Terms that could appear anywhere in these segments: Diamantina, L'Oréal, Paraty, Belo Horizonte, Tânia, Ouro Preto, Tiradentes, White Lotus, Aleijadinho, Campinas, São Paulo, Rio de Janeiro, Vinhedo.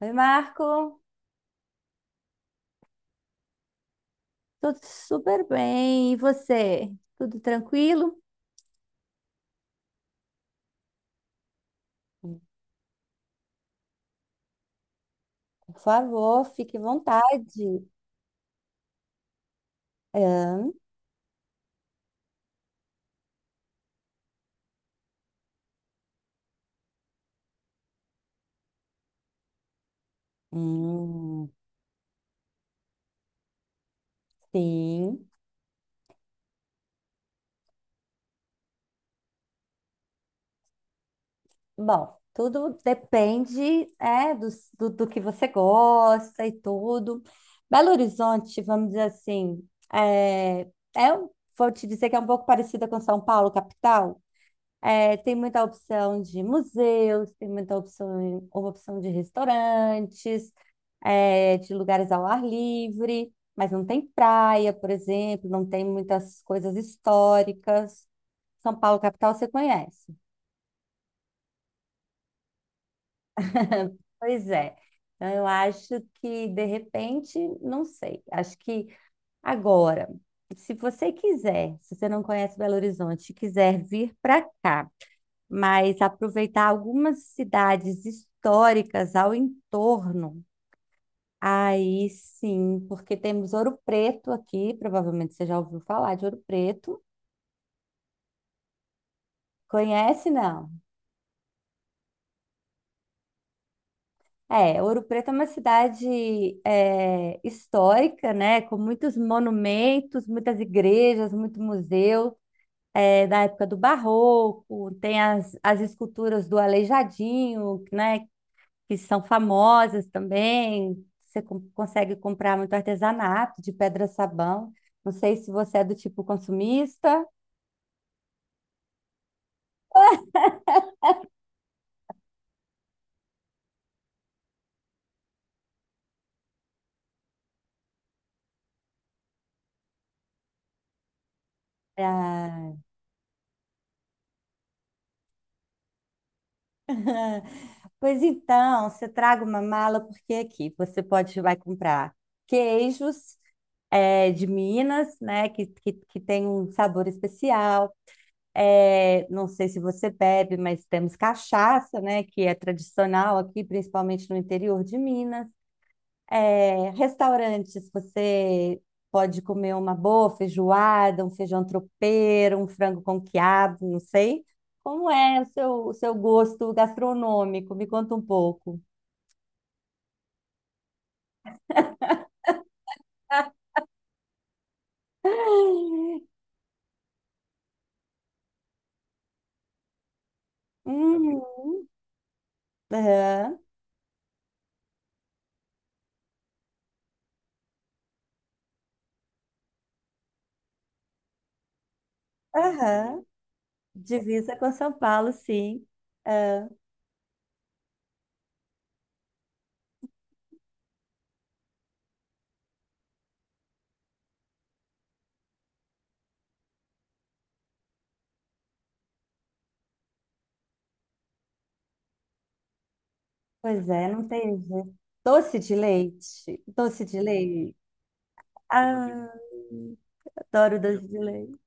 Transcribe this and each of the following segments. Oi, Marco. Tudo super bem. E você? Tudo tranquilo? Por favor, fique à vontade. Ahn, hum, sim. Bom, tudo depende, do que você gosta e tudo. Belo Horizonte, vamos dizer assim, é, é, um- vou te dizer que é um pouco parecida com São Paulo, capital. É, tem muita opção de museus, tem muita opção de restaurantes, de lugares ao ar livre, mas não tem praia, por exemplo, não tem muitas coisas históricas. São Paulo, capital, você conhece. Pois é. Então, eu acho que, de repente, não sei. Acho que agora, se você quiser, se você não conhece Belo Horizonte, e quiser vir para cá, mas aproveitar algumas cidades históricas ao entorno. Aí sim, porque temos Ouro Preto aqui, provavelmente você já ouviu falar de Ouro Preto. Conhece, não? É, Ouro Preto é uma cidade histórica, né? Com muitos monumentos, muitas igrejas, muito museu. É, da época do Barroco, tem as esculturas do Aleijadinho, né? Que são famosas também. Você consegue comprar muito artesanato de pedra-sabão. Não sei se você é do tipo consumista. Ah, pois então, você traga uma mala, porque aqui você pode vai comprar queijos de Minas, né? Que tem um sabor especial. Não sei se você bebe, mas temos cachaça, né? Que é tradicional aqui, principalmente no interior de Minas. É, restaurantes, você pode comer uma boa feijoada, um feijão tropeiro, um frango com quiabo, não sei. Como é o seu gosto gastronômico? Me conta um pouco. Uhum. Aham, aham. Divisa com São Paulo, sim. Ah, pois é, não tem jeito. Doce de leite. Doce de leite. Ah, adoro doce de leite.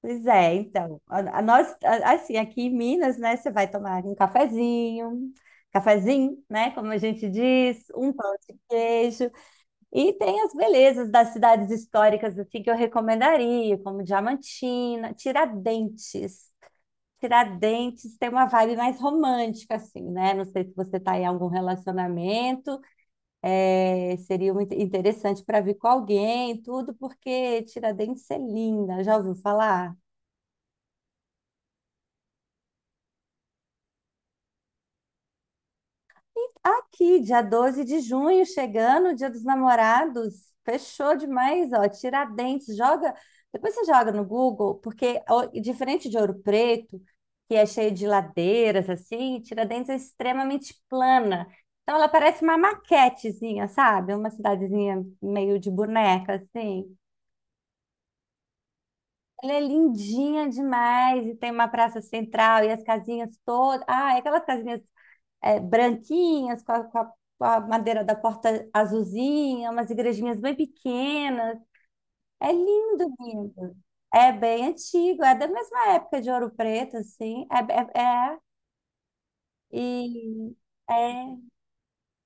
Pois é, então, assim, aqui em Minas, né, você vai tomar um cafezinho, cafezinho, né, como a gente diz, um pão de queijo, e tem as belezas das cidades históricas, assim, que eu recomendaria, como Diamantina, Tiradentes. Tiradentes tem uma vibe mais romântica, assim, né, não sei se você está em algum relacionamento, é, seria muito interessante para vir com alguém, tudo, porque Tiradentes é linda, já ouviu falar? Aqui, dia 12 de junho, chegando, Dia dos Namorados. Fechou demais, ó. Tiradentes, joga. Depois você joga no Google, porque ó, diferente de Ouro Preto, que é cheio de ladeiras, assim, Tiradentes é extremamente plana. Então ela parece uma maquetezinha, sabe? Uma cidadezinha meio de boneca, assim. Ela é lindinha demais e tem uma praça central e as casinhas todas. Ah, é aquelas casinhas é, branquinhas, com a madeira da porta azulzinha, umas igrejinhas bem pequenas. É lindo, lindo. É bem antigo, é da mesma época de Ouro Preto, assim. É, é, é. E é,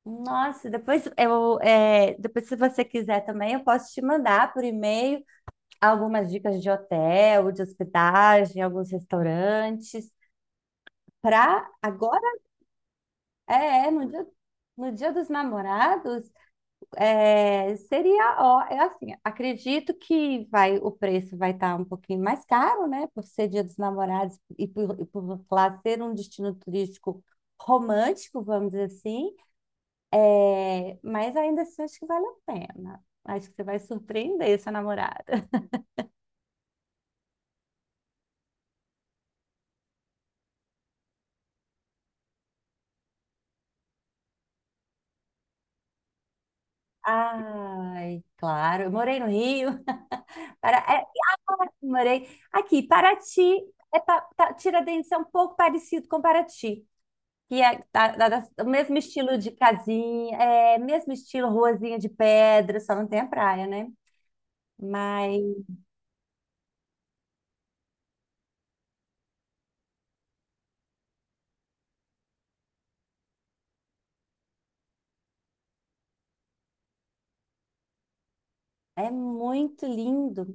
nossa, depois se você quiser também, eu posso te mandar por e-mail algumas dicas de hotel, de hospedagem, alguns restaurantes. Para agora, é, é, no dia, no dia dos namorados, é, seria, ó, é assim, acredito que vai, o preço vai estar um pouquinho mais caro, né? Por ser Dia dos Namorados e por lá ser um destino turístico romântico, vamos dizer assim. É, mas ainda assim, acho que vale a pena. Acho que você vai surpreender sua namorada. Ai, claro, eu morei no Rio. Para, é, ah, Morei aqui, Paraty. É, Tiradentes é um pouco parecido com Paraty. Que é o mesmo estilo de casinha, é mesmo estilo ruazinha de pedra, só não tem a praia, né? Mas é muito lindo.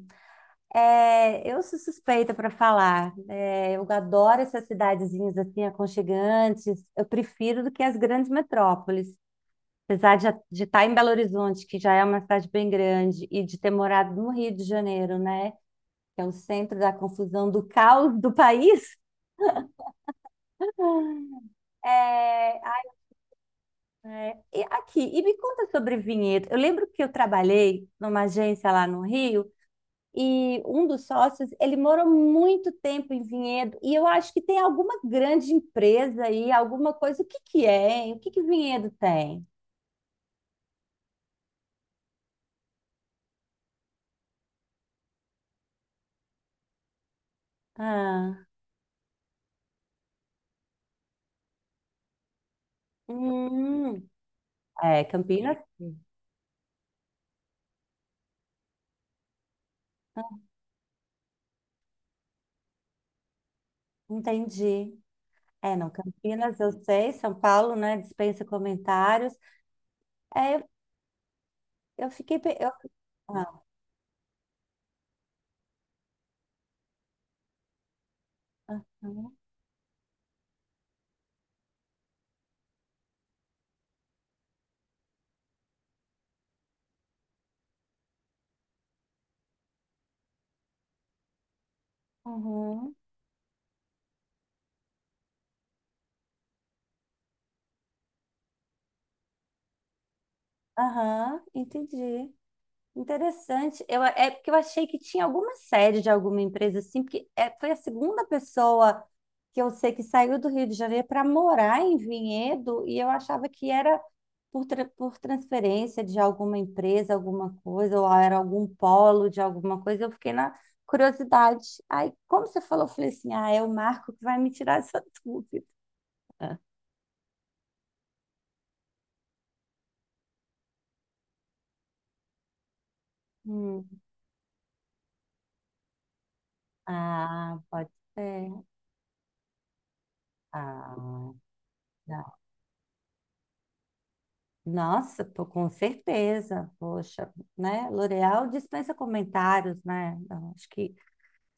É, eu sou suspeita para falar. É, eu adoro essas cidadezinhas assim aconchegantes. Eu prefiro do que as grandes metrópoles. Apesar de estar em Belo Horizonte, que já é uma cidade bem grande, e de ter morado no Rio de Janeiro, né? Que é o centro da confusão, do caos do país. É, e aqui, e me conta sobre vinhedo. Eu lembro que eu trabalhei numa agência lá no Rio e um dos sócios, ele morou muito tempo em Vinhedo e eu acho que tem alguma grande empresa aí, alguma coisa. O que que é, hein? O que que Vinhedo tem? Ah, hum, Campinas? Ah, entendi. É, não, Campinas eu sei, São Paulo, né? Dispensa comentários. É, eu, eu fiquei. Ah, uhum, aham, entendi. Interessante. Eu, é porque eu achei que tinha alguma sede de alguma empresa assim, porque é, foi a segunda pessoa que eu sei que saiu do Rio de Janeiro para morar em Vinhedo e eu achava que era por, por transferência de alguma empresa, alguma coisa, ou era algum polo de alguma coisa. Eu fiquei na curiosidade. Aí, como você falou, eu falei assim: ah, é o Marco que vai me tirar essa dúvida. Hum. Ah, pode ser. Ah, nossa, pô, com certeza, poxa, né? L'Oréal dispensa comentários, né? Eu acho que,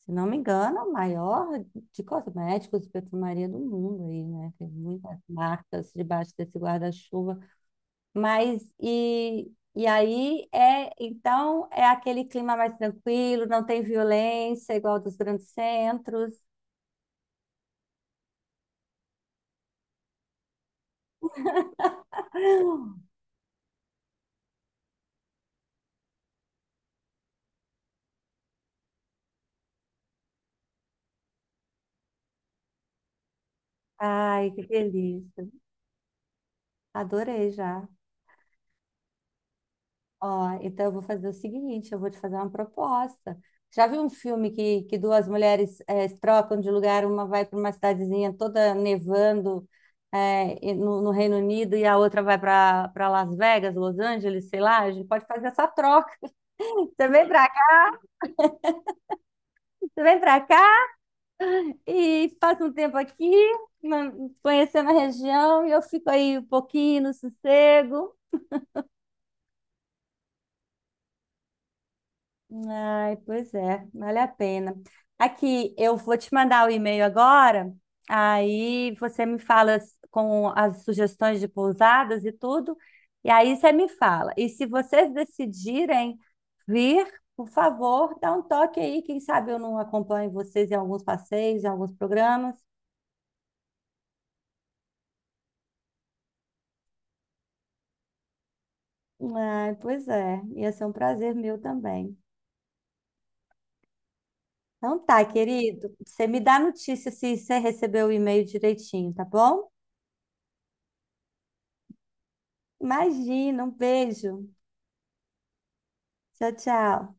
se não me engano, é o maior de cosméticos e perfumaria do mundo aí, né? Tem muitas marcas debaixo desse guarda-chuva. Mas e aí então é aquele clima mais tranquilo, não tem violência igual dos grandes centros. Ai, que delícia. Adorei já. Ó, então eu vou fazer o seguinte, eu vou te fazer uma proposta. Já viu um filme que duas mulheres se trocam de lugar, uma vai para uma cidadezinha toda nevando e no Reino Unido e a outra vai para Las Vegas, Los Angeles, sei lá, a gente pode fazer essa troca. Você vem para você vem para cá e passa um tempo aqui, na- conhecendo a região, e eu fico aí um pouquinho no sossego. Ai, pois é, vale a pena. Aqui, eu vou te mandar o e-mail agora, aí você me fala com as sugestões de pousadas e tudo, e aí você me fala. E se vocês decidirem vir, por favor, dá um toque aí, quem sabe eu não acompanho vocês em alguns passeios, em alguns programas. Ai, pois é, ia ser um prazer meu também. Então tá, querido, você me dá notícia se você recebeu o e-mail direitinho, tá bom? Imagina, um beijo. Tchau, tchau.